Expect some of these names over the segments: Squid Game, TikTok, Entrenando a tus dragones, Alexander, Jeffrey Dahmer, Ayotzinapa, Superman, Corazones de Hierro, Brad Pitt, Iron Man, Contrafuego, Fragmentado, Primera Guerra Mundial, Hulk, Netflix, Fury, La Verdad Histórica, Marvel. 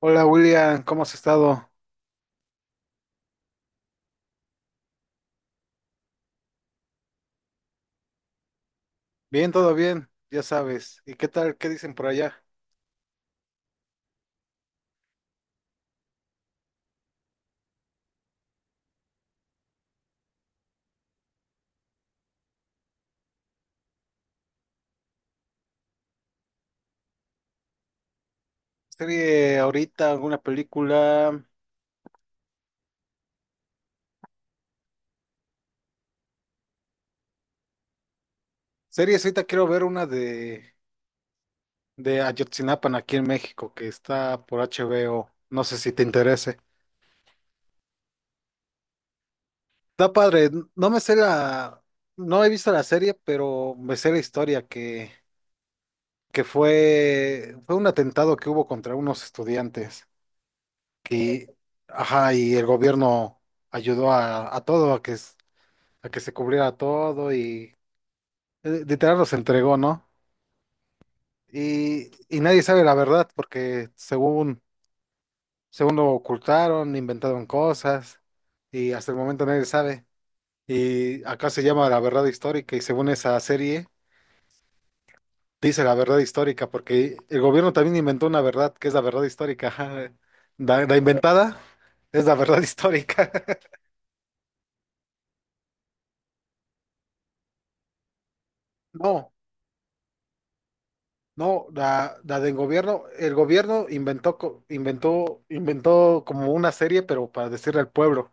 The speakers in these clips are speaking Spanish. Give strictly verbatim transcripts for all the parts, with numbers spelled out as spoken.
Hola William, ¿cómo has estado? Bien, todo bien, ya sabes. ¿Y qué tal? ¿Qué dicen por allá? ¿Serie ahorita, alguna película? Series ahorita quiero ver una de, de Ayotzinapa aquí en México, que está por H B O. No sé si te interese. Está padre, no me sé la, no he visto la serie, pero me sé la historia que, que fue, fue un atentado que hubo contra unos estudiantes. Que, ajá, y el gobierno ayudó a, a todo a que a que se cubriera todo y eh, literal los entregó, ¿no? Y, y nadie sabe la verdad porque según, según lo ocultaron, inventaron cosas y hasta el momento nadie sabe. Y acá se llama La Verdad Histórica y según esa serie dice la verdad histórica porque el gobierno también inventó una verdad que es la verdad histórica. Ajá. La, la inventada es la verdad histórica. No. No, la, la del gobierno, el gobierno inventó, co- inventó, inventó como una serie, pero para decirle al pueblo.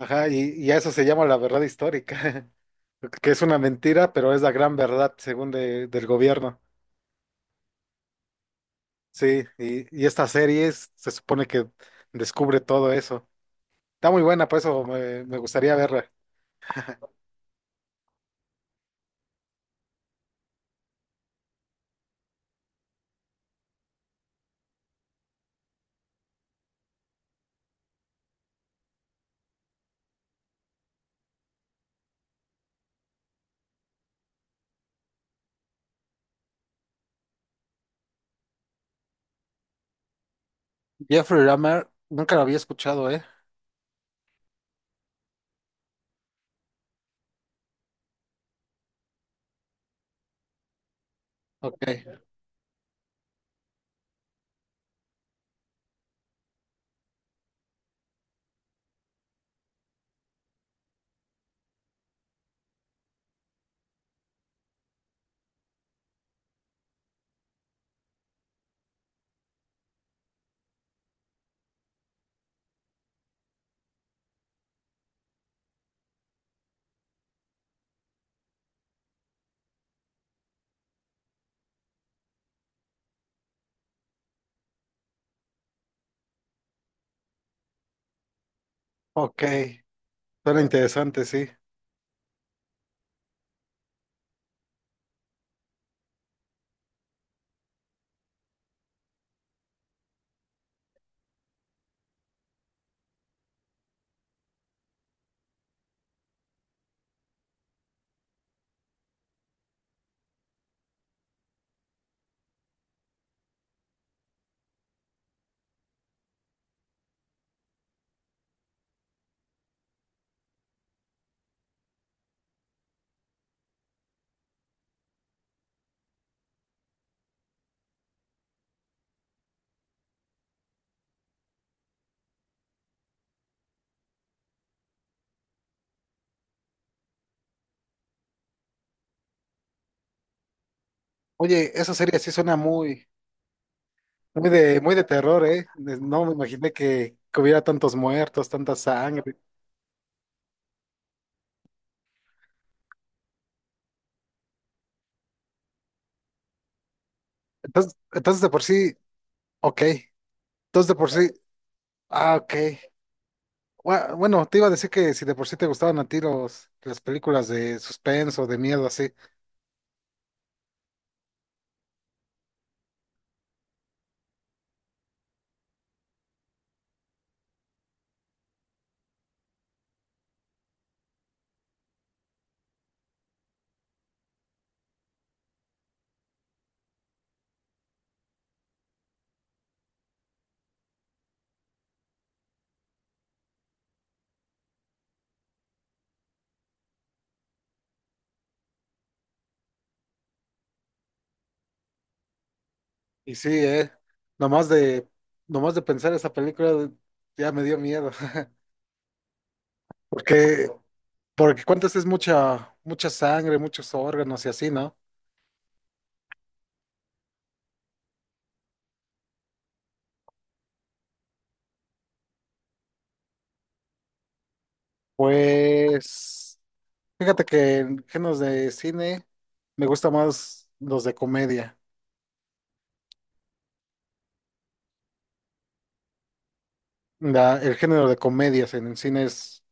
Ajá, y, y a eso se llama la verdad histórica, que es una mentira, pero es la gran verdad según de- del gobierno. Sí, y, y esta serie es- se supone que descubre todo eso. Está muy buena, por eso me, me gustaría verla. Jeffrey Dahmer, nunca la había escuchado, ¿eh? Ok, ok, suena interesante, sí. Oye, esa serie sí suena muy... Muy de, muy de terror, ¿eh? De- No me imaginé que, que hubiera tantos muertos, tanta sangre. Entonces, entonces de por sí, ok. Entonces de por sí, ah, ok. Gua- Bueno, te iba a decir que si de por sí te gustaban a ti los- las películas de suspenso, de miedo, así. Y sí, ¿eh? Nomás de, nomás de pensar esa película ya me dio miedo. Porque, porque cuántas es mucha, mucha sangre, muchos órganos y así, ¿no? Pues... Fíjate que en géneros de cine me gusta más los de comedia. La- el género de comedias en el cine es,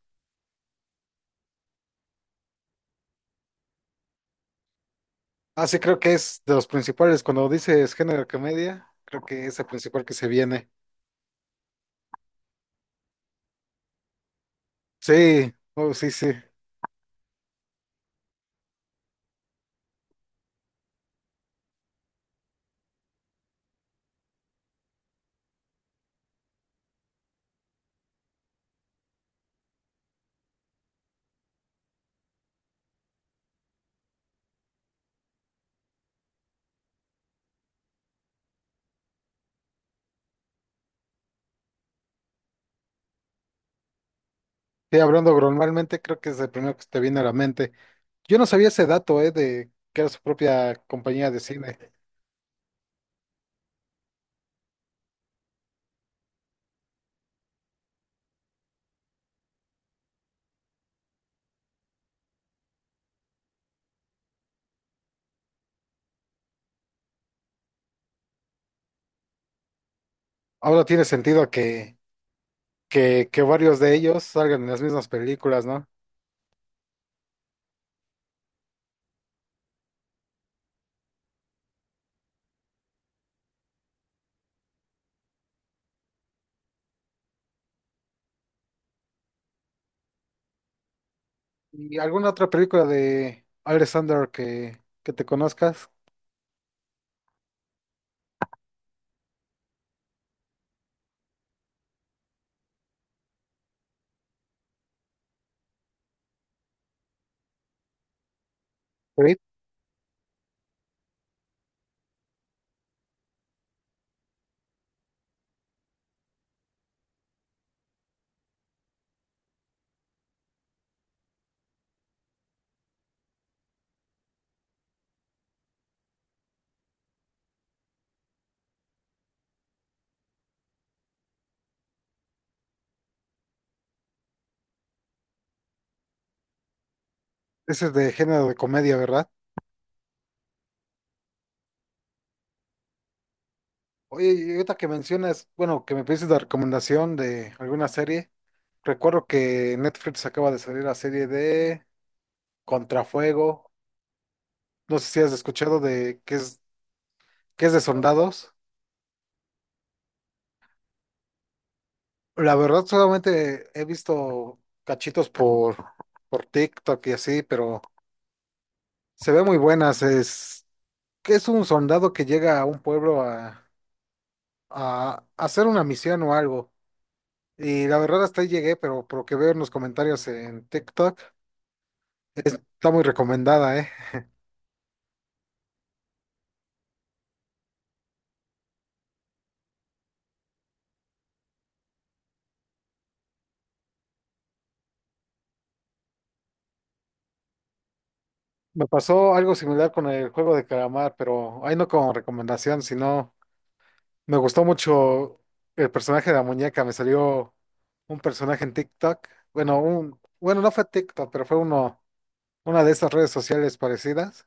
ah, sí, creo que es de los principales. Cuando dices género de comedia, creo que es el principal que se viene. Sí, oh, sí, sí. Sí, hablando normalmente, creo que es el primero que te viene a la mente. Yo no sabía ese dato, eh, de que era su propia compañía de cine. Ahora tiene sentido que, que, que varios de ellos salgan en las mismas películas, ¿no? ¿Y alguna otra película de Alexander que, que te conozcas? Creed. Ese es de género de comedia, ¿verdad? Oye, y ahorita que mencionas, bueno, que me pides la recomendación de alguna serie, recuerdo que en Netflix acaba de salir la serie de Contrafuego, no sé si has escuchado de que es, que es de soldados. La verdad solamente he visto cachitos por, por TikTok y así, pero se ve muy buenas, es que es un soldado que llega a un pueblo a a hacer una misión o algo. Y la verdad hasta ahí llegué, pero por lo que veo en los comentarios en TikTok, está muy recomendada, ¿eh? Me pasó algo similar con el juego de calamar, pero ahí no como recomendación, sino me gustó mucho el personaje de la muñeca. Me salió un personaje en TikTok. Bueno, un, bueno, no fue TikTok, pero fue uno, una de esas redes sociales parecidas.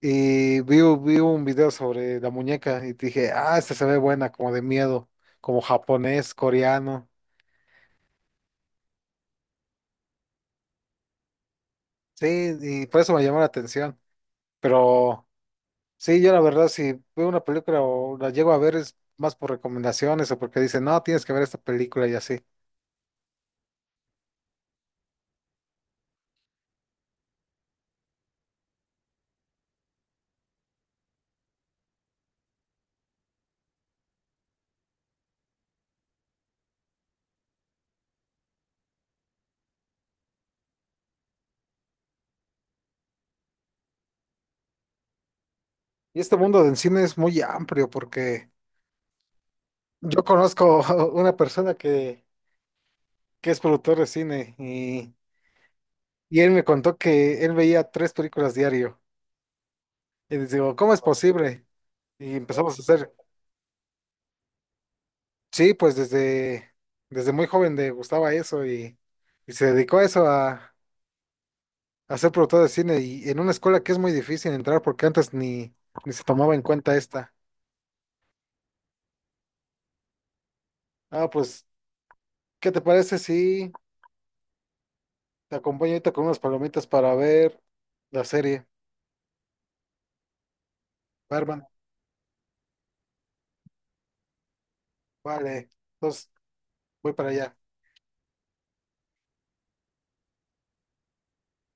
Y vi, vi un video sobre la muñeca y dije, ah, esta se ve buena, como de miedo, como japonés, coreano. Sí, y por eso me llamó la atención. Pero sí, yo la verdad, si veo una película o la llego a ver es más por recomendaciones o porque dicen, no, tienes que ver esta película y así. Y este mundo del cine es muy amplio porque yo conozco una persona que, que es productor de cine y, y él me contó que él veía tres películas diario. Y les digo, ¿cómo es posible? Y empezamos a hacer sí, pues desde, desde muy joven le gustaba eso y, y se dedicó a eso, a, a ser productor de cine y en una escuela que es muy difícil entrar porque antes ni, ni se tomaba en cuenta esta. Ah, pues, ¿qué te parece si te acompaño ahorita con unas palomitas para ver la serie? Barman, vale, entonces voy para allá.